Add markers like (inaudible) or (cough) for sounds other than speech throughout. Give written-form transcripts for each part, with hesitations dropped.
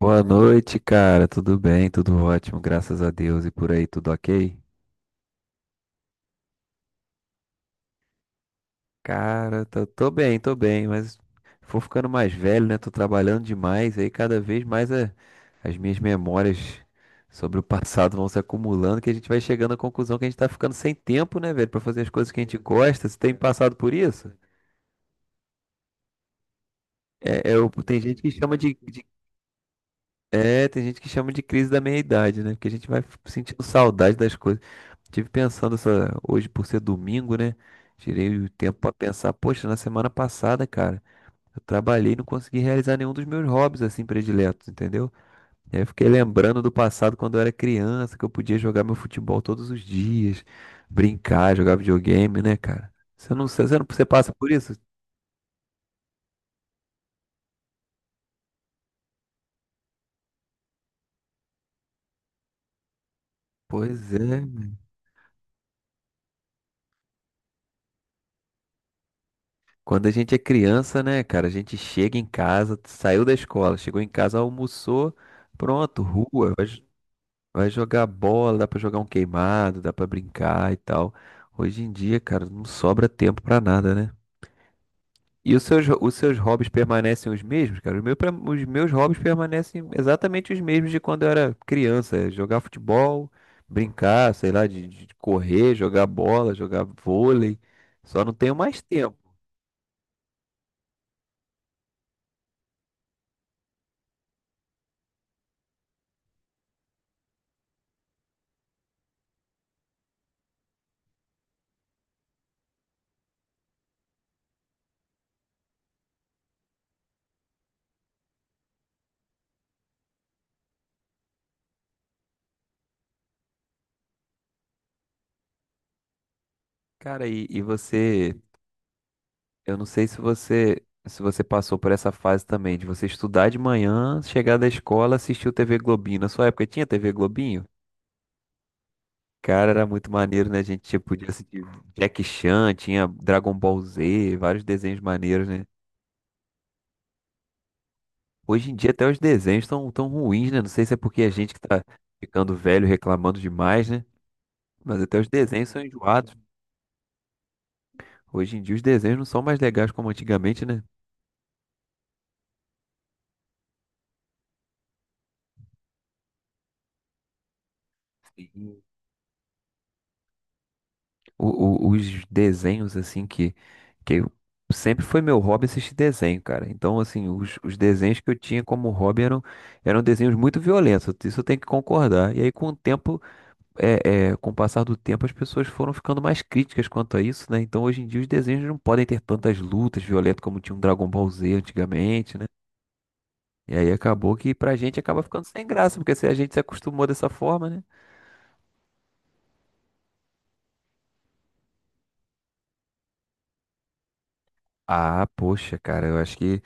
Boa noite, cara. Tudo bem? Tudo ótimo, graças a Deus. E por aí, tudo ok? Cara, tô bem, mas vou ficando mais velho, né? Tô trabalhando demais, aí cada vez mais é- as minhas memórias sobre o passado vão se acumulando, que a gente vai chegando à conclusão que a gente tá ficando sem tempo, né, velho, pra fazer as coisas que a gente gosta. Você tem passado por isso? É, é o- tem gente que chama de É, tem gente que chama de crise da meia-idade, né? Porque a gente vai sentindo saudade das coisas. Hoje por ser domingo, né? Tirei o tempo pra pensar, poxa, na semana passada, cara, eu trabalhei e não consegui realizar nenhum dos meus hobbies assim prediletos, entendeu? E aí eu fiquei lembrando do passado quando eu era criança, que eu podia jogar meu futebol todos os dias, brincar, jogar videogame, né, cara? Você não, você não, Você passa por isso? Pois é. Quando a gente é criança, né, cara, a gente chega em casa, saiu da escola, chegou em casa, almoçou, pronto, rua, vai jogar bola, dá pra jogar um queimado, dá pra brincar e tal. Hoje em dia, cara, não sobra tempo pra nada, né? E os seus hobbies permanecem os mesmos, cara? Os meus hobbies permanecem exatamente os mesmos de quando eu era criança. É jogar futebol, brincar, sei lá, de correr, jogar bola, jogar vôlei. Só não tenho mais tempo. Cara, e você? Eu não sei se você passou por essa fase também, de você estudar de manhã, chegar da escola, assistir o TV Globinho. Na sua época tinha TV Globinho? Cara, era muito maneiro, né? A gente tinha, podia assistir Jack Chan, tinha Dragon Ball Z, vários desenhos maneiros, né? Hoje em dia até os desenhos estão tão tão ruins, né? Não sei se é porque a gente que tá ficando velho reclamando demais, né? Mas até os desenhos são enjoados. Hoje em dia os desenhos não são mais legais como antigamente, né? Sim. Os desenhos, assim, que eu- sempre foi meu hobby assistir desenho, cara. Então, assim, os desenhos que eu tinha como hobby eram, eram desenhos muito violentos, isso eu tenho que concordar. E aí, com o tempo, com o passar do tempo, as pessoas foram ficando mais críticas quanto a isso, né? Então, hoje em dia, os desenhos não podem ter tantas lutas violentas como tinha um Dragon Ball Z antigamente, né? E aí acabou que pra gente acaba ficando sem graça, porque se a gente se acostumou dessa forma, né? Ah, poxa, cara, eu acho que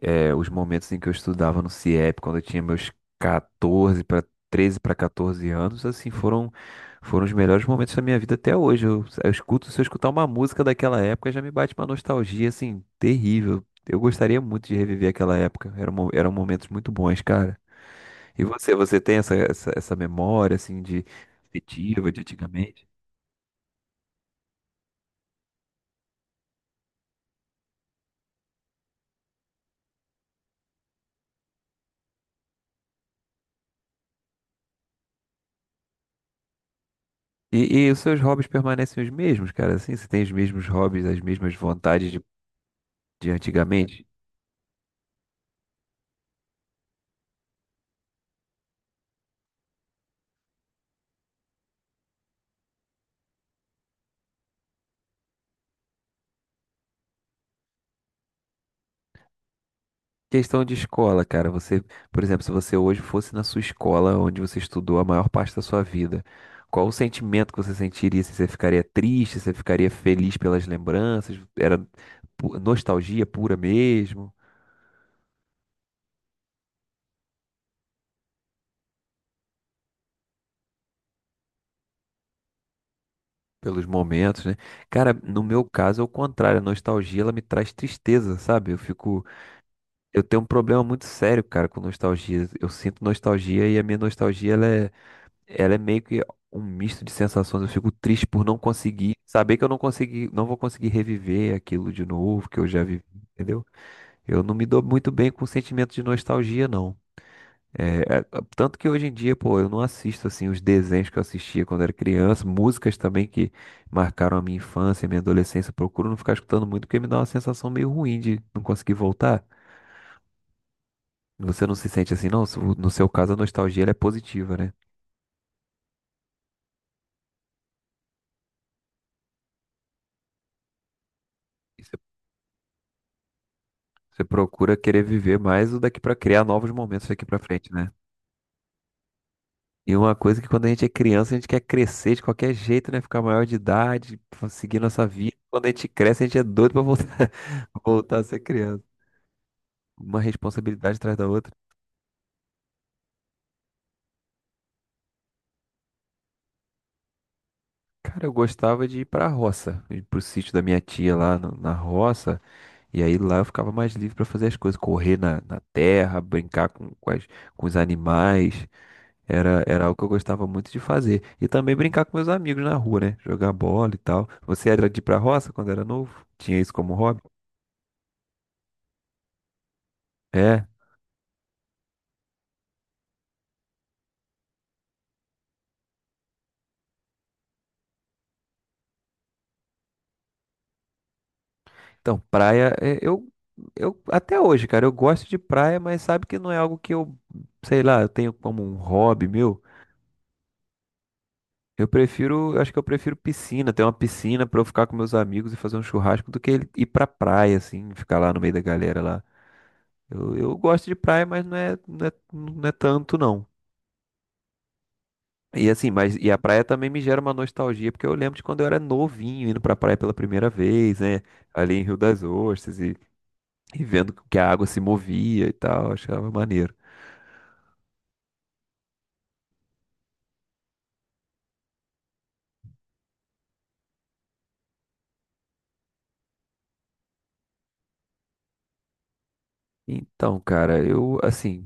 é, os momentos em que eu estudava no CIEP, quando eu tinha meus 14 para 13 para 14 anos, assim, foram os melhores momentos da minha vida até hoje. Eu escuto, se eu escutar uma música daquela época, já me bate uma nostalgia, assim, terrível. Eu gostaria muito de reviver aquela época. Eram momentos muito bons, cara. E você, essa memória, assim, afetiva de antigamente? E os seus hobbies permanecem os mesmos, cara? Assim, você tem os mesmos hobbies, as mesmas vontades de antigamente? Questão de escola, cara. Por exemplo, se você hoje fosse na sua escola onde você estudou a maior parte da sua vida, qual o sentimento que você sentiria? Se você ficaria triste, se você ficaria feliz pelas lembranças? Nostalgia pura mesmo, pelos momentos, né? Cara, no meu caso é o contrário. A nostalgia, ela me traz tristeza, sabe? Eu tenho um problema muito sério, cara, com nostalgia. Eu sinto nostalgia e a minha nostalgia, ela é meio que um misto de sensações. Eu fico triste por não conseguir, saber que eu não consegui, não vou conseguir reviver aquilo de novo que eu já vivi, entendeu? Eu não me dou muito bem com o sentimento de nostalgia, não. É, é, Tanto que hoje em dia, pô, eu não assisto assim os desenhos que eu assistia quando era criança, músicas também que marcaram a minha infância, a minha adolescência. Eu procuro não ficar escutando muito porque me dá uma sensação meio ruim de não conseguir voltar. Você não se sente assim, não? No seu caso, a nostalgia ela é positiva, né? Você procura querer viver mais o daqui pra criar novos momentos daqui pra frente, né? E uma coisa que quando a gente é criança, a gente quer crescer de qualquer jeito, né? Ficar maior de idade, seguir nossa vida. Quando a gente cresce, a gente é doido pra voltar, (laughs) voltar a ser criança. Uma responsabilidade atrás da outra. Cara, eu gostava de ir pra roça, ir pro sítio da minha tia lá no- na roça. E aí lá eu ficava mais livre pra fazer as coisas, correr na terra, brincar com os animais. Era algo que eu gostava muito de fazer. E também brincar com meus amigos na rua, né? Jogar bola e tal. Você era de ir pra roça quando era novo? Tinha isso como hobby? É. Então, praia, eu até hoje, cara, eu gosto de praia, mas sabe que não é algo que eu, sei lá, eu tenho como um hobby meu. Eu prefiro, acho que eu prefiro piscina, ter uma piscina pra eu ficar com meus amigos e fazer um churrasco do que ele ir pra praia, assim, ficar lá no meio da galera lá. Eu gosto de praia, mas não é tanto, não. E assim, mas e a praia também me gera uma nostalgia, porque eu lembro de quando eu era novinho indo pra praia pela primeira vez, né? Ali em Rio das Ostras e vendo que a água se movia e tal, achava maneiro. Então, cara, eu assim,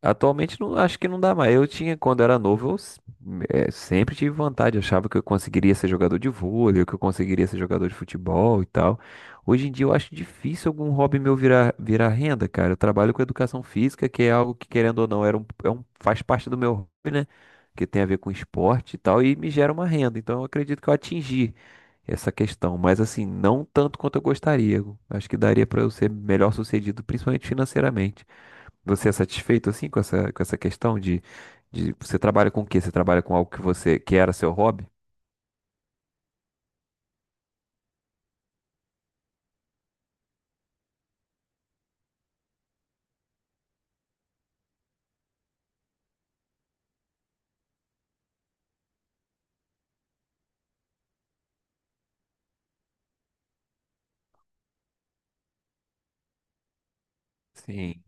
atualmente não, acho que não dá mais. Eu tinha, quando era novo, sempre tive vontade, achava que eu conseguiria ser jogador de vôlei, que eu conseguiria ser jogador de futebol e tal. Hoje em dia eu acho difícil algum hobby meu virar renda, cara. Eu trabalho com educação física, que é algo que, querendo ou não, é um, faz parte do meu hobby, né? Que tem a ver com esporte e tal, e me gera uma renda. Então eu acredito que eu atingi essa questão, mas assim, não tanto quanto eu gostaria. Acho que daria pra eu ser melhor sucedido, principalmente financeiramente. Você é satisfeito assim com essa questão de você trabalha com o quê? Você trabalha com algo que você que era seu hobby? Sim.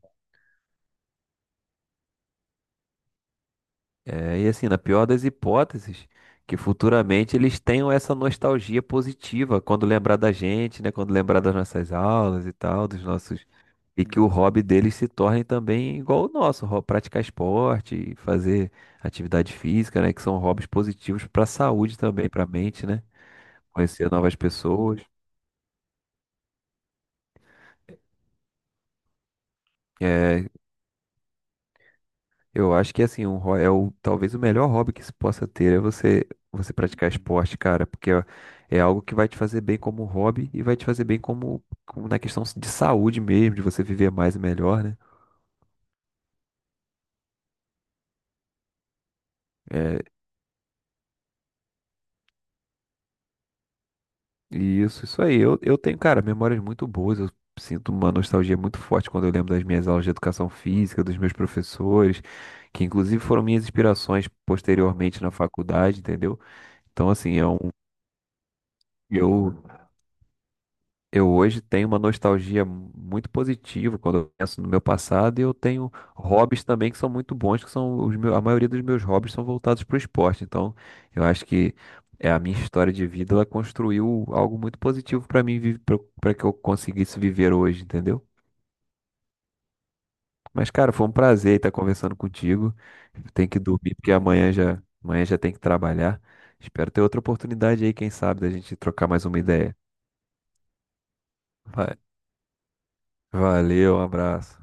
É, e assim, na pior das hipóteses, que futuramente eles tenham essa nostalgia positiva quando lembrar da gente, né? Quando lembrar das nossas aulas e tal, dos nossos. E que o hobby deles se torne também igual o nosso, praticar esporte, fazer atividade física, né? Que são hobbies positivos para a saúde também, para a mente, né? Conhecer novas pessoas. É, eu acho que assim, talvez o melhor hobby que se possa ter é você praticar esporte, cara, porque é algo que vai te fazer bem como hobby e vai te fazer bem como, como na questão de saúde mesmo, de você viver mais e melhor, né? É, isso aí. Eu tenho, cara, memórias muito boas. Eu sinto uma nostalgia muito forte quando eu lembro das minhas aulas de educação física, dos meus professores, que inclusive foram minhas inspirações posteriormente na faculdade, entendeu? Então, assim, é um, eu Eu hoje tenho uma nostalgia muito positiva quando eu penso no meu passado e eu tenho hobbies também que são muito bons, que são os meus, a maioria dos meus hobbies são voltados para o esporte. Então, eu acho que é a minha história de vida, ela construiu algo muito positivo para mim, para que eu conseguisse viver hoje, entendeu? Mas, cara, foi um prazer estar conversando contigo. Eu tenho que dormir porque amanhã já tem que trabalhar. Espero ter outra oportunidade aí, quem sabe, da gente trocar mais uma ideia. Va- Valeu, um abraço.